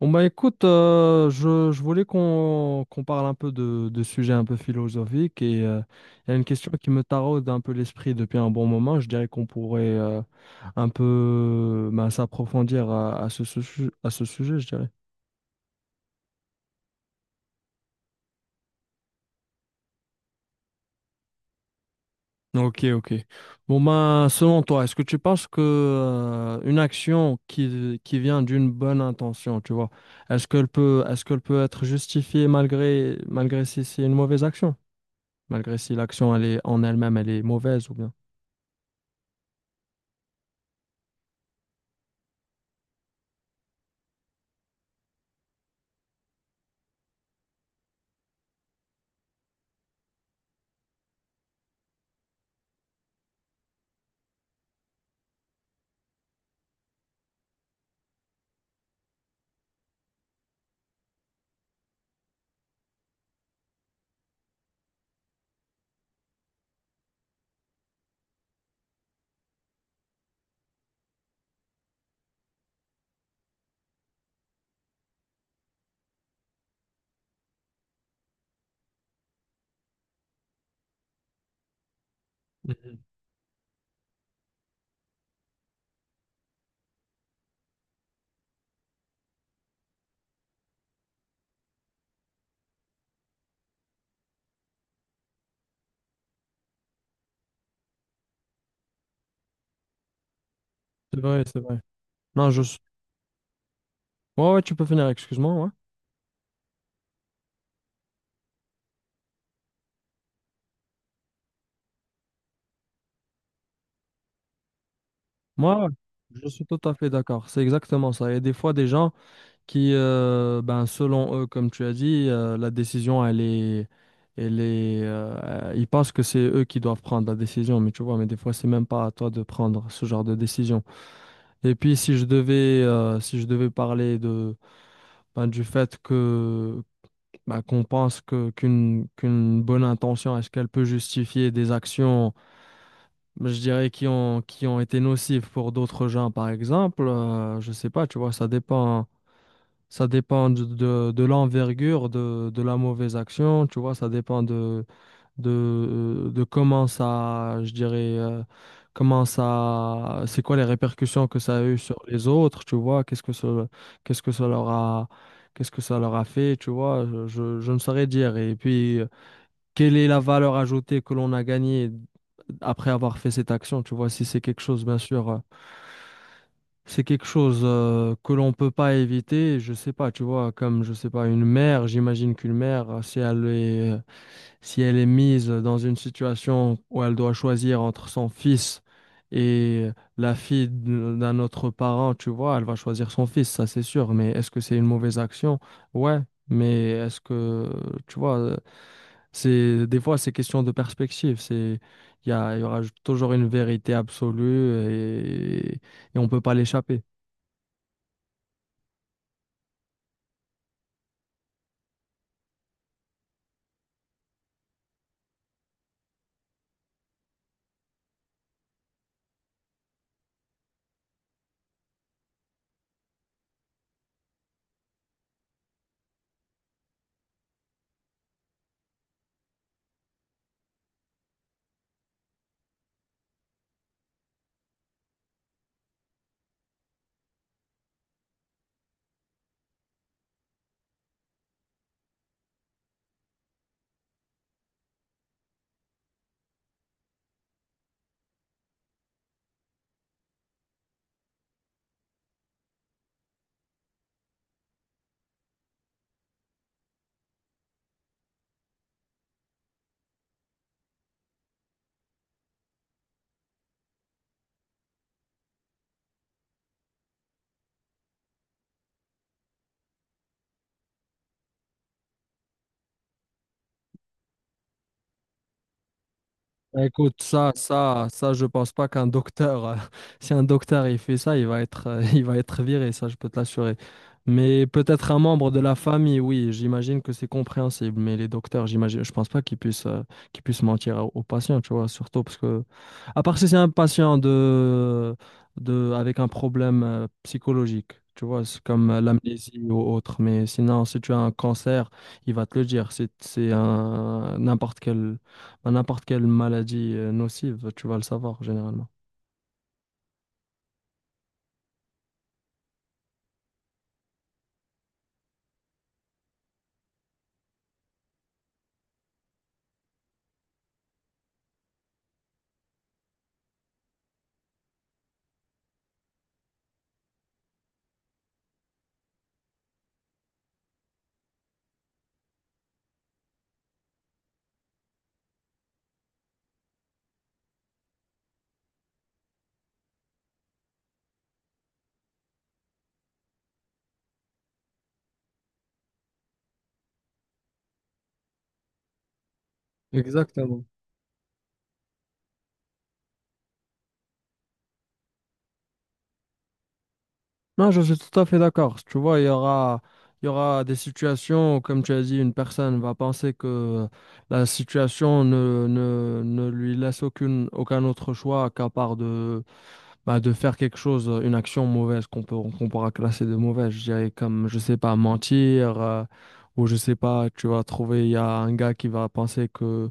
Bon bah écoute, je voulais qu'on parle un peu de sujets un peu philosophiques et il y a une question qui me taraude un peu l'esprit depuis un bon moment. Je dirais qu'on pourrait un peu bah, s'approfondir à ce sujet, je dirais. Ok, ok. Bon bah selon toi, est-ce que tu penses que une action qui vient d'une bonne intention, tu vois, est-ce qu'elle peut être justifiée malgré si c'est une mauvaise action? Malgré si l'action elle est en elle-même, elle est mauvaise ou bien. Mhm. C'est vrai, c'est vrai. Non, je suis... Ouais, ouais, tu peux finir, excuse-moi. Ouais. Moi, je suis tout à fait d'accord. C'est exactement ça. Il y a des fois des gens ben, selon eux, comme tu as dit, la décision, elle est... Elle est ils pensent que c'est eux qui doivent prendre la décision, mais tu vois, mais des fois, c'est même pas à toi de prendre ce genre de décision. Et puis, si je devais parler de, ben, du fait que bah, qu'on pense que qu'une bonne intention, est-ce qu'elle peut justifier des actions, je dirais, qui ont été nocives pour d'autres gens, par exemple, je sais pas, tu vois, ça dépend de l'envergure de la mauvaise action, tu vois, ça dépend de comment ça, comment ça, c'est quoi les répercussions que ça a eu sur les autres, tu vois, qu'est-ce que ça leur a, qu'est-ce que ça leur a fait, tu vois, je je ne saurais dire. Et puis, quelle est la valeur ajoutée que l'on a gagnée après avoir fait cette action, tu vois, si c'est quelque chose, bien sûr, c'est quelque chose que l'on peut pas éviter, je sais pas, tu vois, comme, je sais pas, une mère, si elle est si elle est mise dans une situation où elle doit choisir entre son fils et la fille d'un autre parent, tu vois, elle va choisir son fils, ça c'est sûr. Mais est-ce que c'est une mauvaise action? Ouais, mais est-ce que, tu vois, c'est des fois c'est question de perspective. C'est il y a- Il y aura toujours une vérité absolue et on peut pas l'échapper. Bah, écoute, ça, je pense pas qu'un docteur, si un docteur il fait ça, il va être, il va être viré, ça, je peux te l'assurer. Mais peut-être un membre de la famille, oui, j'imagine que c'est compréhensible. Mais les docteurs, j'imagine, je pense pas qu'ils puissent, qu'ils puissent mentir aux patients, tu vois, surtout parce que, à part si c'est un patient de avec un problème, psychologique, tu vois, c'est comme l'amnésie ou autre. Mais sinon, si tu as un cancer, il va te le dire. C'est un n'importe quel à n'importe quelle maladie nocive, tu vas le savoir généralement. Exactement. Non, je suis tout à fait d'accord. Tu vois, il y aura des situations où, comme tu as dit, une personne va penser que la situation ne lui laisse aucun autre choix qu'à part de, bah, de faire quelque chose, une action mauvaise qu'on pourra classer de mauvaise, je dirais comme, je sais pas, mentir, ou je sais pas, tu vas trouver, il y a un gars qui va penser que,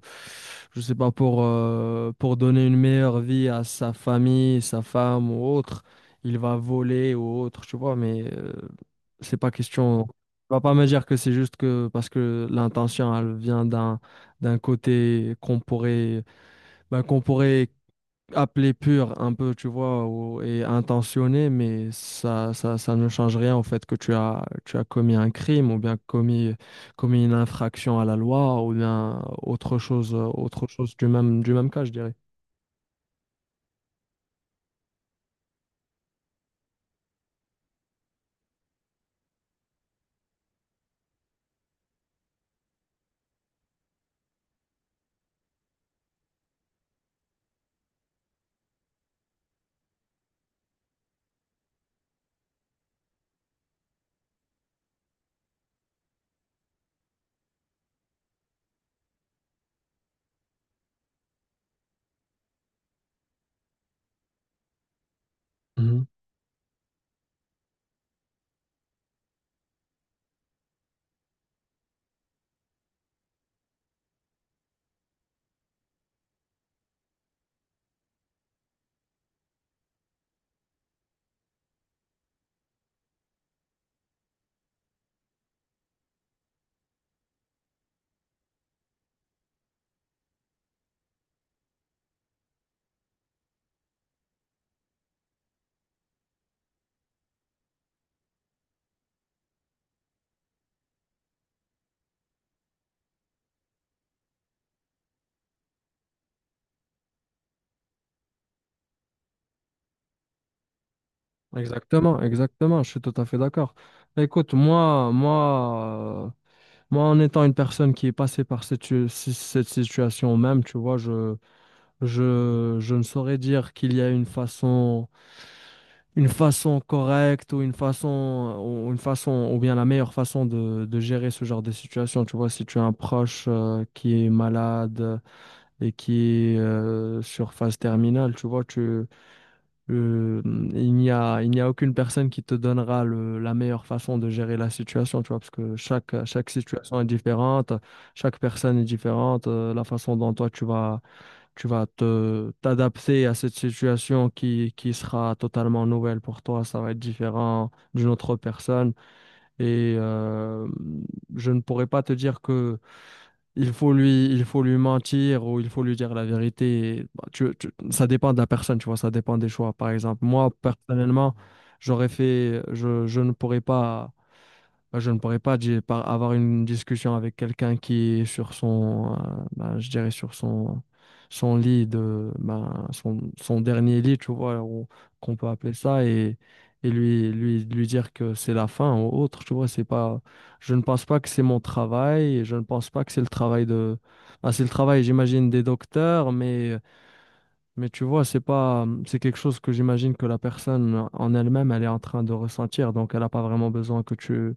je sais pas, pour donner une meilleure vie à sa famille, sa femme ou autre, il va voler ou autre, tu vois, mais c'est pas question. Tu vas pas me dire que c'est juste que parce que l'intention, elle vient d'un d'un côté qu'on pourrait, ben, qu'on pourrait appelé pur un peu, tu vois, ou- et intentionné, mais ça ne change rien au fait que tu as commis un crime commis une infraction à la loi ou bien autre chose du même cas, je dirais. Mhm. Exactement, exactement, je suis tout à fait d'accord. Bah, écoute, moi, en étant une personne qui est passée par cette, cette situation même, tu vois, je ne saurais dire qu'il y a une façon correcte ou bien la meilleure façon de gérer ce genre de situation. Tu vois, si tu as un proche qui est malade et qui est sur phase terminale, tu vois, tu, euh, il n'y a aucune personne qui te donnera le, la meilleure façon de gérer la situation, tu vois, parce que chaque situation est différente, chaque personne est différente, la façon dont toi tu vas te t'adapter à cette situation qui sera totalement nouvelle pour toi. Ça va être différent d'une autre personne. Et je ne pourrais pas te dire que il faut lui mentir ou il faut lui dire la vérité. Bah, ça dépend de la personne, tu vois, ça dépend des choix. Par exemple, moi, personnellement, je ne pourrais pas. Bah, je ne pourrais pas avoir une discussion avec quelqu'un qui est sur son, bah, je dirais sur son, son lit de, bah, son dernier lit, tu vois, ou- qu'on peut appeler ça, et, lui dire que c'est la fin ou autre, tu vois, c'est pas, je ne pense pas que c'est mon travail, et je ne pense pas que c'est le travail de, bah, c'est le travail, j'imagine, des docteurs, mais tu vois, c'est pas, c'est quelque chose que j'imagine que la personne en elle-même, elle est en train de ressentir, donc elle n'a pas vraiment besoin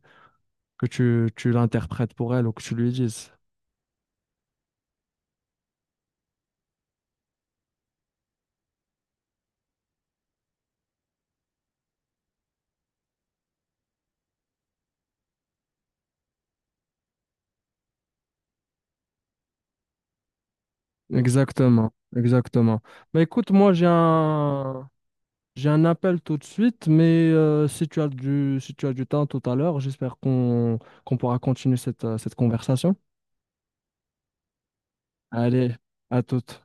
que tu l'interprètes pour elle ou que tu lui dises. Exactement, exactement. Bah écoute, moi j'ai un appel tout de suite, mais si tu as du si tu as du temps tout à l'heure, j'espère qu'on pourra continuer cette, cette conversation. Allez, à toute.